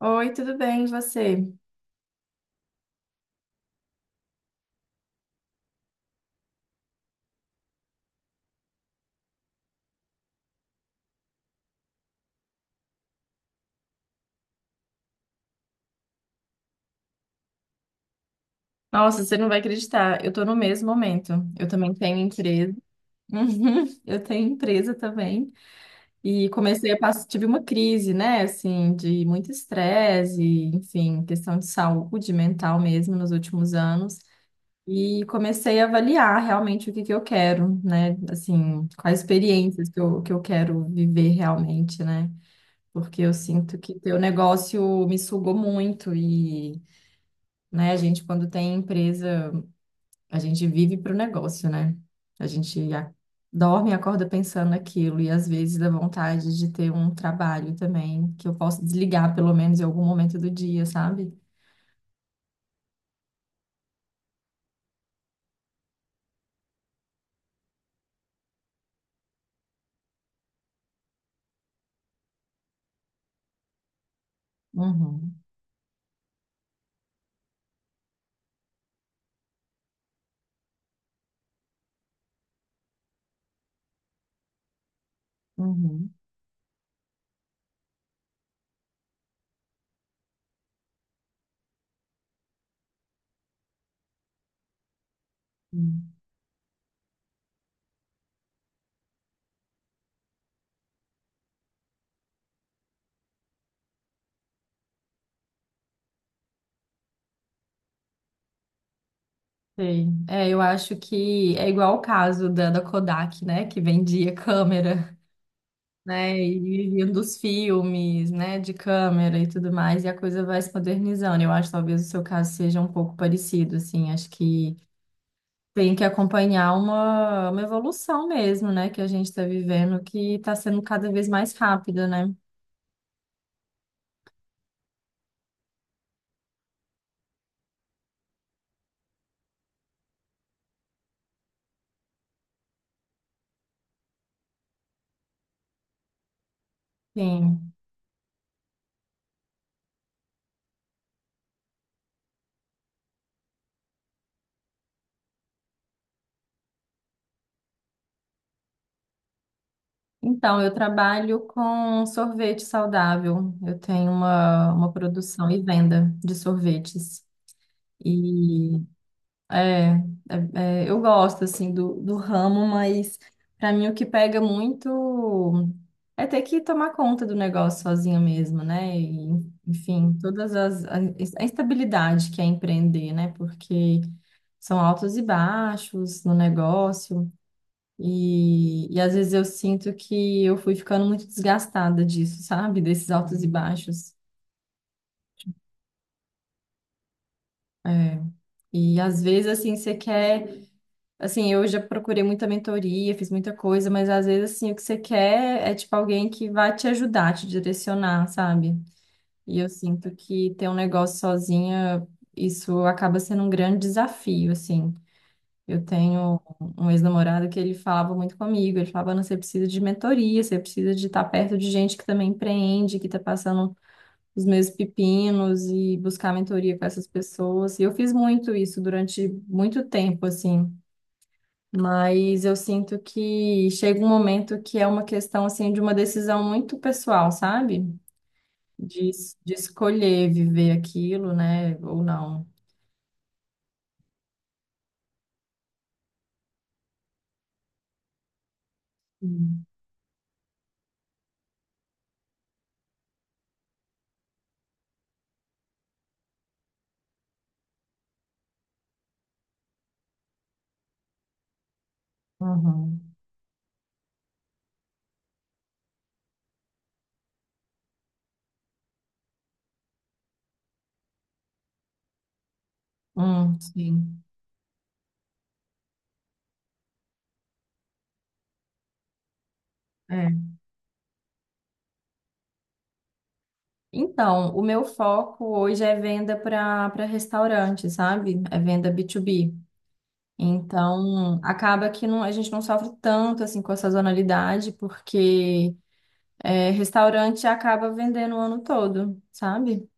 Oi, tudo bem, e você? Nossa, você não vai acreditar, eu tô no mesmo momento. Eu também tenho empresa. Uhum, eu tenho empresa também. E comecei a passar, tive uma crise, né, assim, de muito estresse, e, enfim, questão de saúde mental mesmo nos últimos anos. E comecei a avaliar realmente o que que eu quero, né, assim, quais experiências que eu quero viver realmente, né? Porque eu sinto que teu negócio me sugou muito, né? A gente, quando tem empresa, a gente vive para o negócio, né? A gente dorme e acorda pensando naquilo, e às vezes dá vontade de ter um trabalho também, que eu possa desligar pelo menos em algum momento do dia, sabe? Uhum, uhum, uhum. Sei. É, eu acho que é igual o caso da Kodak, né? Que vendia câmera, né? E viviam dos filmes, né? De câmera e tudo mais, e a coisa vai se modernizando. Eu acho que talvez o seu caso seja um pouco parecido, assim. Acho que tem que acompanhar uma evolução mesmo, né? Que a gente está vivendo, que está sendo cada vez mais rápida, né? Sim. Então, eu trabalho com sorvete saudável. Eu tenho uma produção e venda de sorvetes. e É, é- é, eu gosto assim do ramo, mas para mim o que pega muito é ter que tomar conta do negócio sozinha mesmo, né? E, enfim, todas a instabilidade que é empreender, né? Porque são altos e baixos no negócio e às vezes eu sinto que eu fui ficando muito desgastada disso, sabe? Desses altos e baixos. É. E às vezes assim você quer Assim, eu já procurei muita mentoria, fiz muita coisa, mas às vezes, assim, o que você quer é, tipo, alguém que vai te ajudar, te direcionar, sabe? E eu sinto que ter um negócio sozinha, isso acaba sendo um grande desafio, assim. Eu tenho um ex-namorado que ele falava muito comigo, ele falava, "Ana, você precisa de mentoria, você precisa de estar perto de gente que também empreende, que está passando os mesmos pepinos e buscar mentoria com essas pessoas." E eu fiz muito isso durante muito tempo, assim. Mas eu sinto que chega um momento que é uma questão assim de uma decisão muito pessoal, sabe? De, de escolher viver aquilo, né? Ou não. Hum. Uhum. Sim. É. Então, o meu foco hoje é venda para restaurante, sabe? É venda B2B. Então, acaba que não, a gente não sofre tanto assim com a sazonalidade, porque é, restaurante acaba vendendo o ano todo, sabe?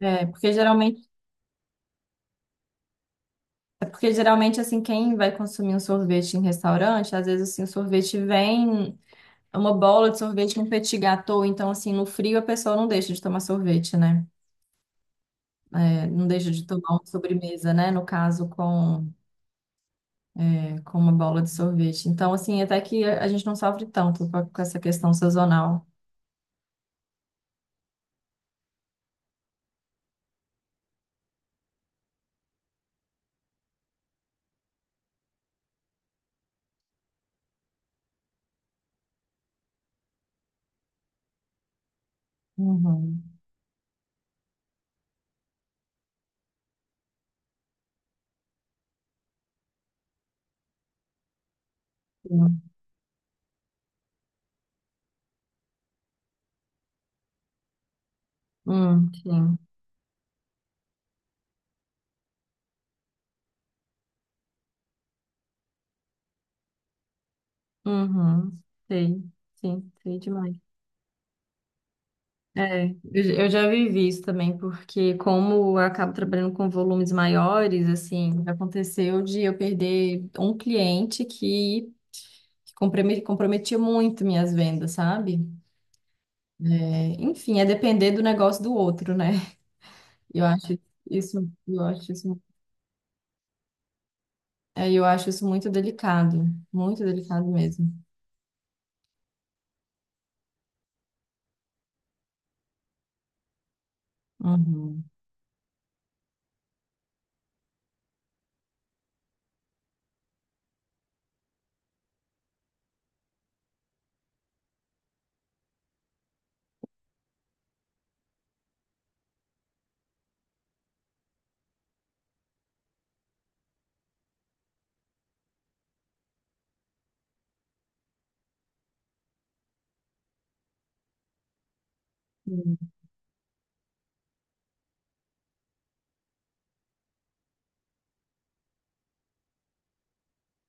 É, porque geralmente É porque geralmente, assim, quem vai consumir um sorvete em restaurante, às vezes, assim, o sorvete vem é uma bola de sorvete com petit gâteau, então, assim, no frio a pessoa não deixa de tomar sorvete, né? É, não deixa de tomar uma sobremesa, né? No caso, com uma bola de sorvete. Então, assim, até que a gente não sofre tanto com essa questão sazonal. Uhum. Sim. Sim. Uhum. Sei. Sim, sei demais. É, eu já vivi isso também, porque como eu acabo trabalhando com volumes maiores, assim, aconteceu de eu perder um cliente comprometia muito minhas vendas, sabe? É, enfim, é depender do negócio do outro, né? Eu acho isso, eu acho isso, eu acho isso muito delicado mesmo. Uhum.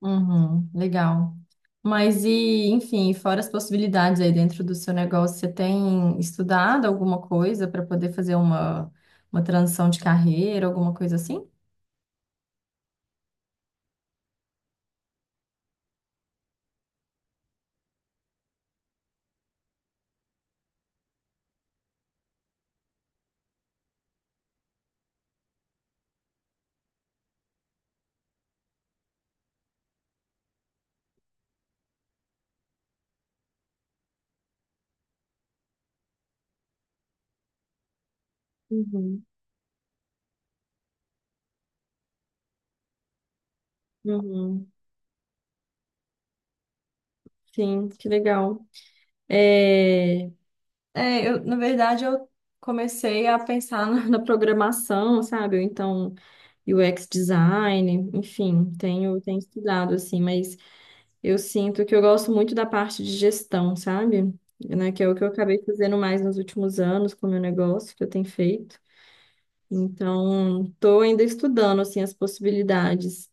Uhum, legal. Mas e, enfim, fora as possibilidades aí dentro do seu negócio, você tem estudado alguma coisa para poder fazer uma transição de carreira, alguma coisa assim? Uhum, uhum. Sim, que legal. É, eu, na verdade, eu comecei a pensar na programação, sabe? Ou então, UX design, enfim, tenho estudado, assim, mas eu sinto que eu gosto muito da parte de gestão, sabe? Né, que é o que eu acabei fazendo mais nos últimos anos com o meu negócio que eu tenho feito. Então, estou ainda estudando assim as possibilidades.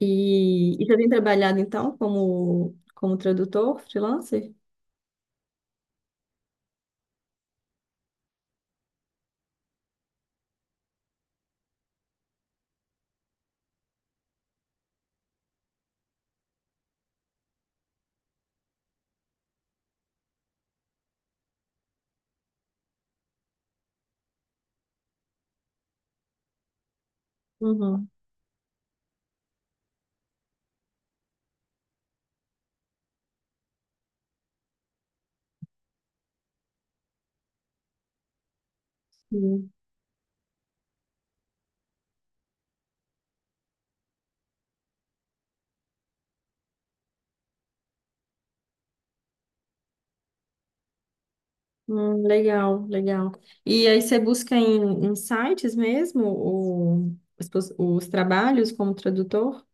E já tem trabalhado então como tradutor freelancer? Uhum. Sim. Legal, legal. E aí você busca em sites mesmo os trabalhos como tradutor?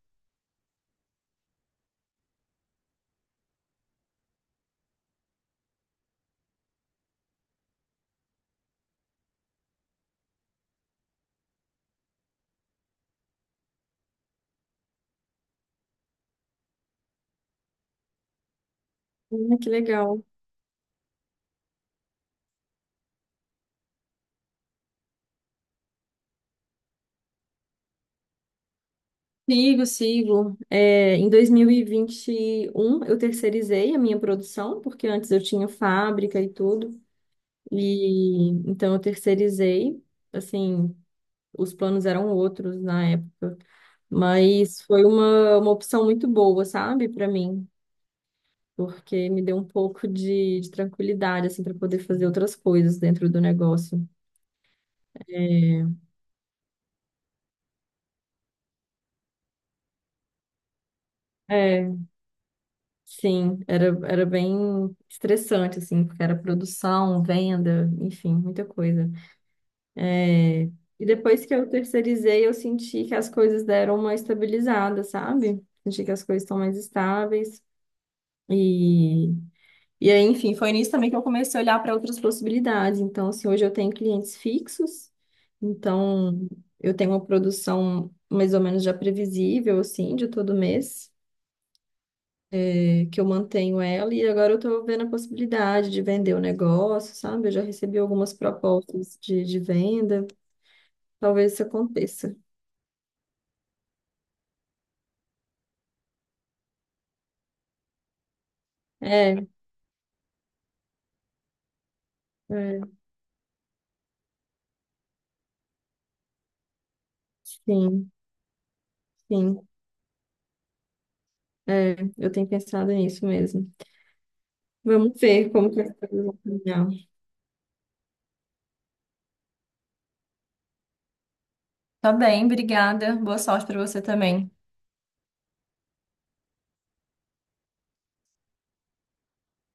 Que legal. Sigo, sigo. É, em dois mil e vinte e um eu terceirizei a minha produção, porque antes eu tinha fábrica e tudo, e então eu terceirizei. Assim, os planos eram outros na época, mas foi uma opção muito boa, sabe, para mim, porque me deu um pouco de tranquilidade, assim, para poder fazer outras coisas dentro do negócio. É, sim, era bem estressante, assim, porque era produção, venda, enfim, muita coisa. E depois que eu terceirizei, eu senti que as coisas deram uma estabilizada, sabe? Senti que as coisas estão mais estáveis. E, e aí, enfim, foi nisso também que eu comecei a olhar para outras possibilidades. Então, assim, hoje eu tenho clientes fixos, então eu tenho uma produção mais ou menos já previsível, assim, de todo mês, que eu mantenho ela, e agora eu estou vendo a possibilidade de vender o negócio, sabe? Eu já recebi algumas propostas de venda, talvez isso aconteça. É. É. Sim, sim. É, eu tenho pensado nisso mesmo. Vamos ver como que as coisas vão caminhar. Tá bem, obrigada. Boa sorte pra você também.